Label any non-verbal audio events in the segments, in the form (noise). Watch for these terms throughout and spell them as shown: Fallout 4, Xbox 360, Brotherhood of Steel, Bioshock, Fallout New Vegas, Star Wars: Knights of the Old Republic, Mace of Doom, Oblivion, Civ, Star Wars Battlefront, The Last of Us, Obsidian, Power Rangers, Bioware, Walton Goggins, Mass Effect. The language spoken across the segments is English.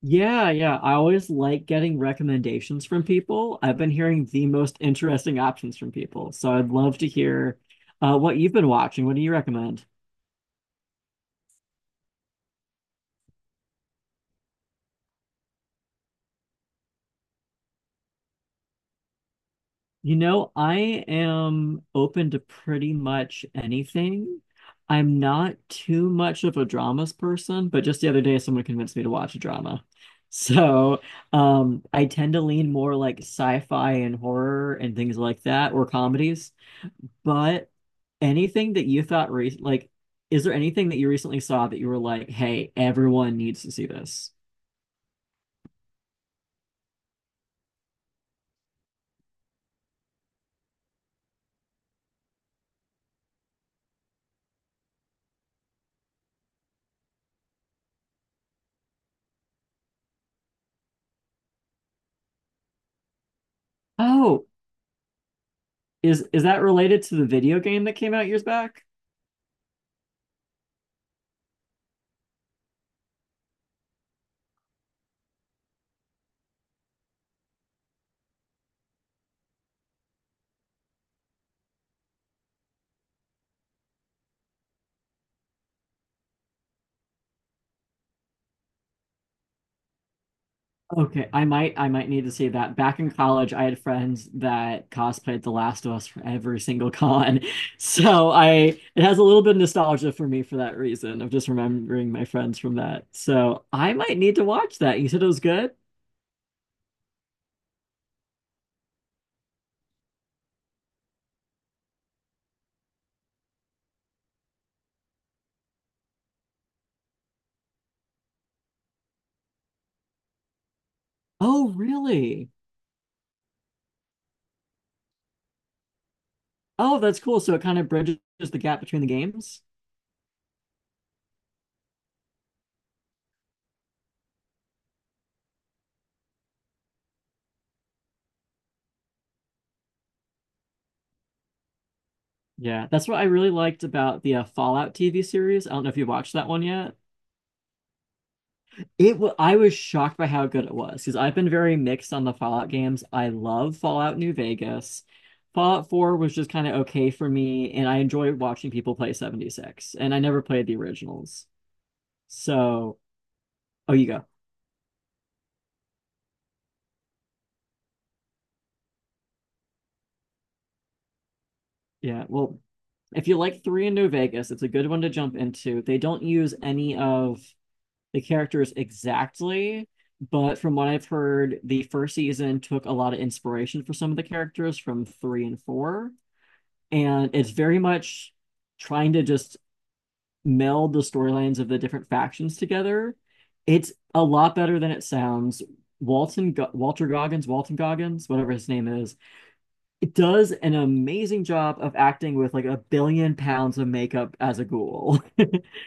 Yeah, yeah. I always like getting recommendations from people. I've been hearing the most interesting options from people. So I'd love to hear what you've been watching. What do you recommend? I am open to pretty much anything. I'm not too much of a dramas person, but just the other day, someone convinced me to watch a drama. (laughs) So I tend to lean more like sci-fi and horror and things like that, or comedies. But anything that you like is there anything that you recently saw that you were like, "Hey, everyone needs to see this." Oh, is that related to the video game that came out years back? Okay, I might need to see that. Back in college, I had friends that cosplayed The Last of Us for every single con. (laughs) So I it has a little bit of nostalgia for me for that reason of just remembering my friends from that. So I might need to watch that. You said it was good? Oh, really? Oh, that's cool. So it kind of bridges the gap between the games. Yeah, that's what I really liked about the Fallout TV series. I don't know if you watched that one yet. It wa I was shocked by how good it was because I've been very mixed on the Fallout games. I love Fallout New Vegas. Fallout 4 was just kind of okay for me, and I enjoy watching people play 76. And I never played the originals. So, oh, you go. Yeah, well, if you like 3 in New Vegas, it's a good one to jump into. They don't use any of the characters exactly, but from what I've heard, the first season took a lot of inspiration for some of the characters from three and four. And it's very much trying to just meld the storylines of the different factions together. It's a lot better than it sounds. Walter Goggins, Walton Goggins, whatever his name is, it does an amazing job of acting with like a billion pounds of makeup as a ghoul. (laughs)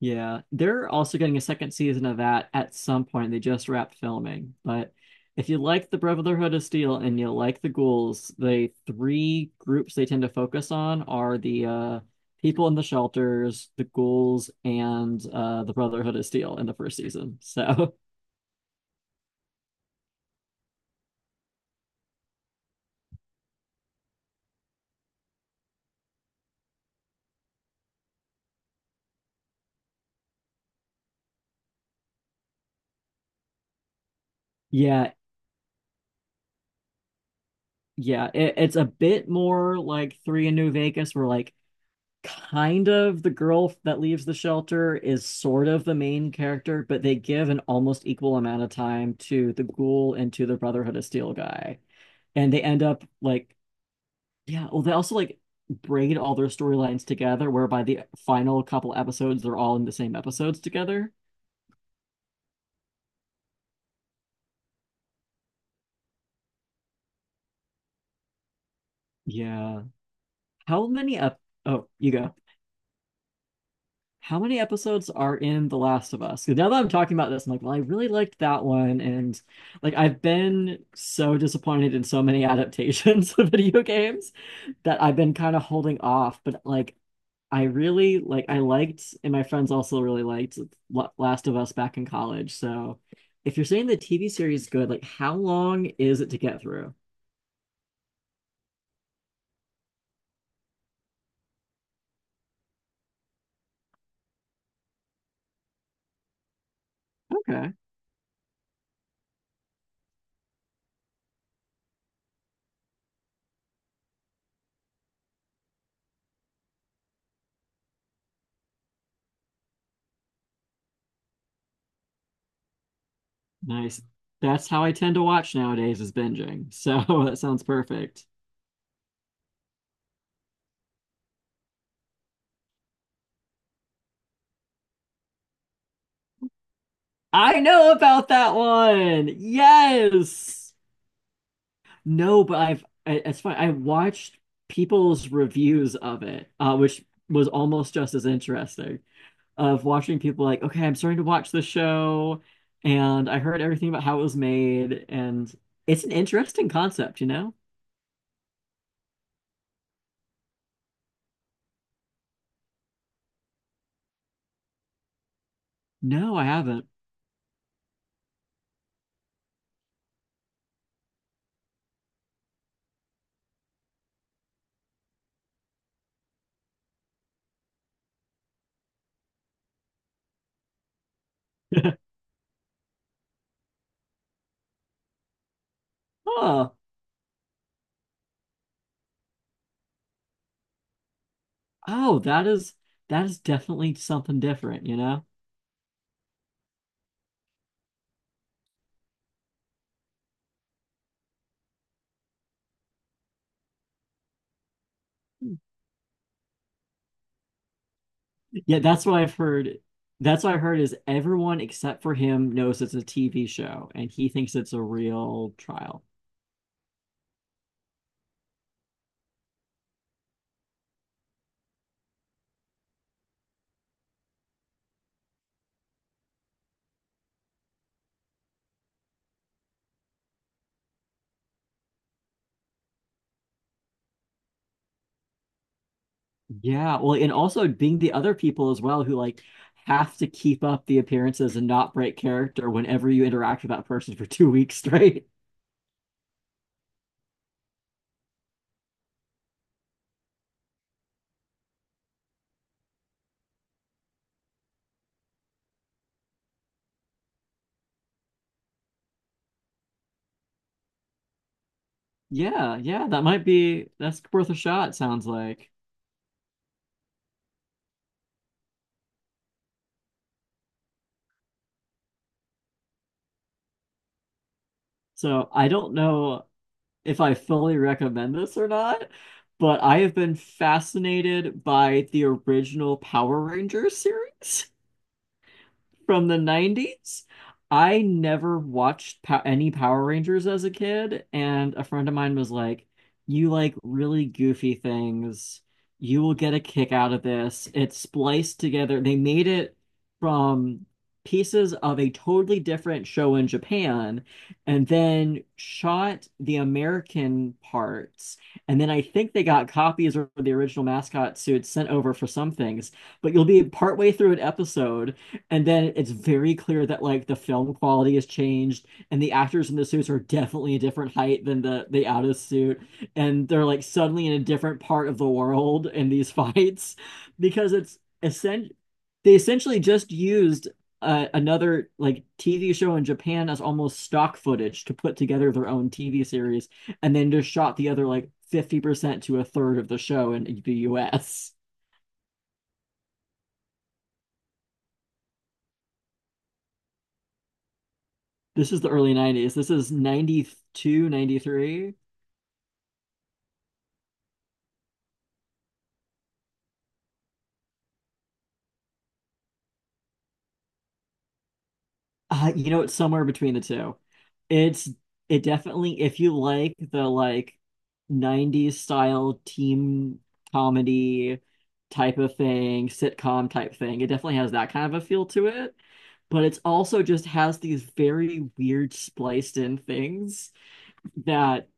Yeah, they're also getting a second season of that at some point. They just wrapped filming. But if you like the Brotherhood of Steel and you like the ghouls, the three groups they tend to focus on are the people in the shelters, the ghouls, and the Brotherhood of Steel in the first season. So (laughs) yeah, yeah, it's a bit more like Three in New Vegas, where like kind of the girl that leaves the shelter is sort of the main character, but they give an almost equal amount of time to the ghoul and to the Brotherhood of Steel guy. And they end up like, yeah, well, they also like braid all their storylines together, whereby the final couple episodes, they're all in the same episodes together. Yeah. How many up? Oh, you go. How many episodes are in The Last of Us? 'Cause now that I'm talking about this, I'm like, well, I really liked that one. And like, I've been so disappointed in so many adaptations (laughs) of video games that I've been kind of holding off. But like, I liked, and my friends also really liked Last of Us back in college. So if you're saying the TV series is good, like, how long is it to get through? Okay. Nice. That's how I tend to watch nowadays is binging. So (laughs) that sounds perfect. I know about that one. Yes. No, but it's fine. I watched people's reviews of it, which was almost just as interesting. Of watching people like, okay, I'm starting to watch the show, and I heard everything about how it was made, and it's an interesting concept, you know? No, I haven't. (laughs) Oh, oh, that is that is definitely something different, you know? Yeah, that's what I've heard. That's what I heard is everyone except for him knows it's a TV show and he thinks it's a real trial. Yeah, well, and also being the other people as well who like have to keep up the appearances and not break character whenever you interact with that person for (laughs) 2 weeks straight. Yeah, yeah, that might be that's worth a shot, sounds like. So I don't know if I fully recommend this or not, but I have been fascinated by the original Power Rangers series from the 90s. I never watched pow any Power Rangers as a kid, and a friend of mine was like, "You like really goofy things. You will get a kick out of this." It's spliced together. They made it from pieces of a totally different show in Japan and then shot the American parts. And then I think they got copies of the original mascot suits sent over for some things, but you'll be partway through an episode and then it's very clear that like the film quality has changed, and the actors in the suits are definitely a different height than the out of suit, and they're like suddenly in a different part of the world in these (laughs) fights, because it's essen they essentially just used another like TV show in Japan as almost stock footage to put together their own TV series, and then just shot the other like 50% to a third of the show in the US. This is the early 90s. This is '92, '93. You know, it's somewhere between the two. It's it definitely if you like the 90s style team comedy type of thing, sitcom type thing, it definitely has that kind of a feel to it. But it's also just has these very weird spliced in things that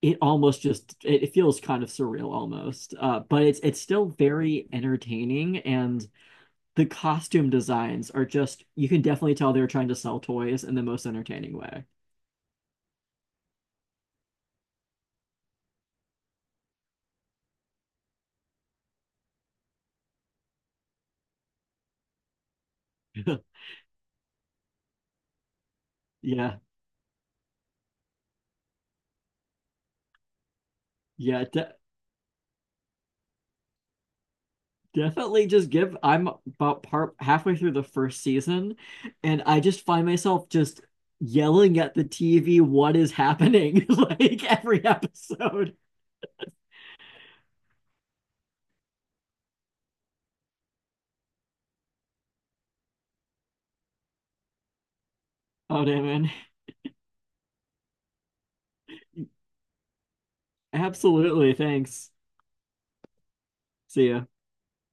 it feels kind of surreal almost. But it's still very entertaining and the costume designs are just you can definitely tell they're trying to sell toys in the most entertaining way. (laughs) Yeah. Yeah, de- definitely just give I'm about part halfway through the first season and I just find myself just yelling at the TV what is happening (laughs) like every episode. Oh, damn, man! Absolutely. Thanks. See ya.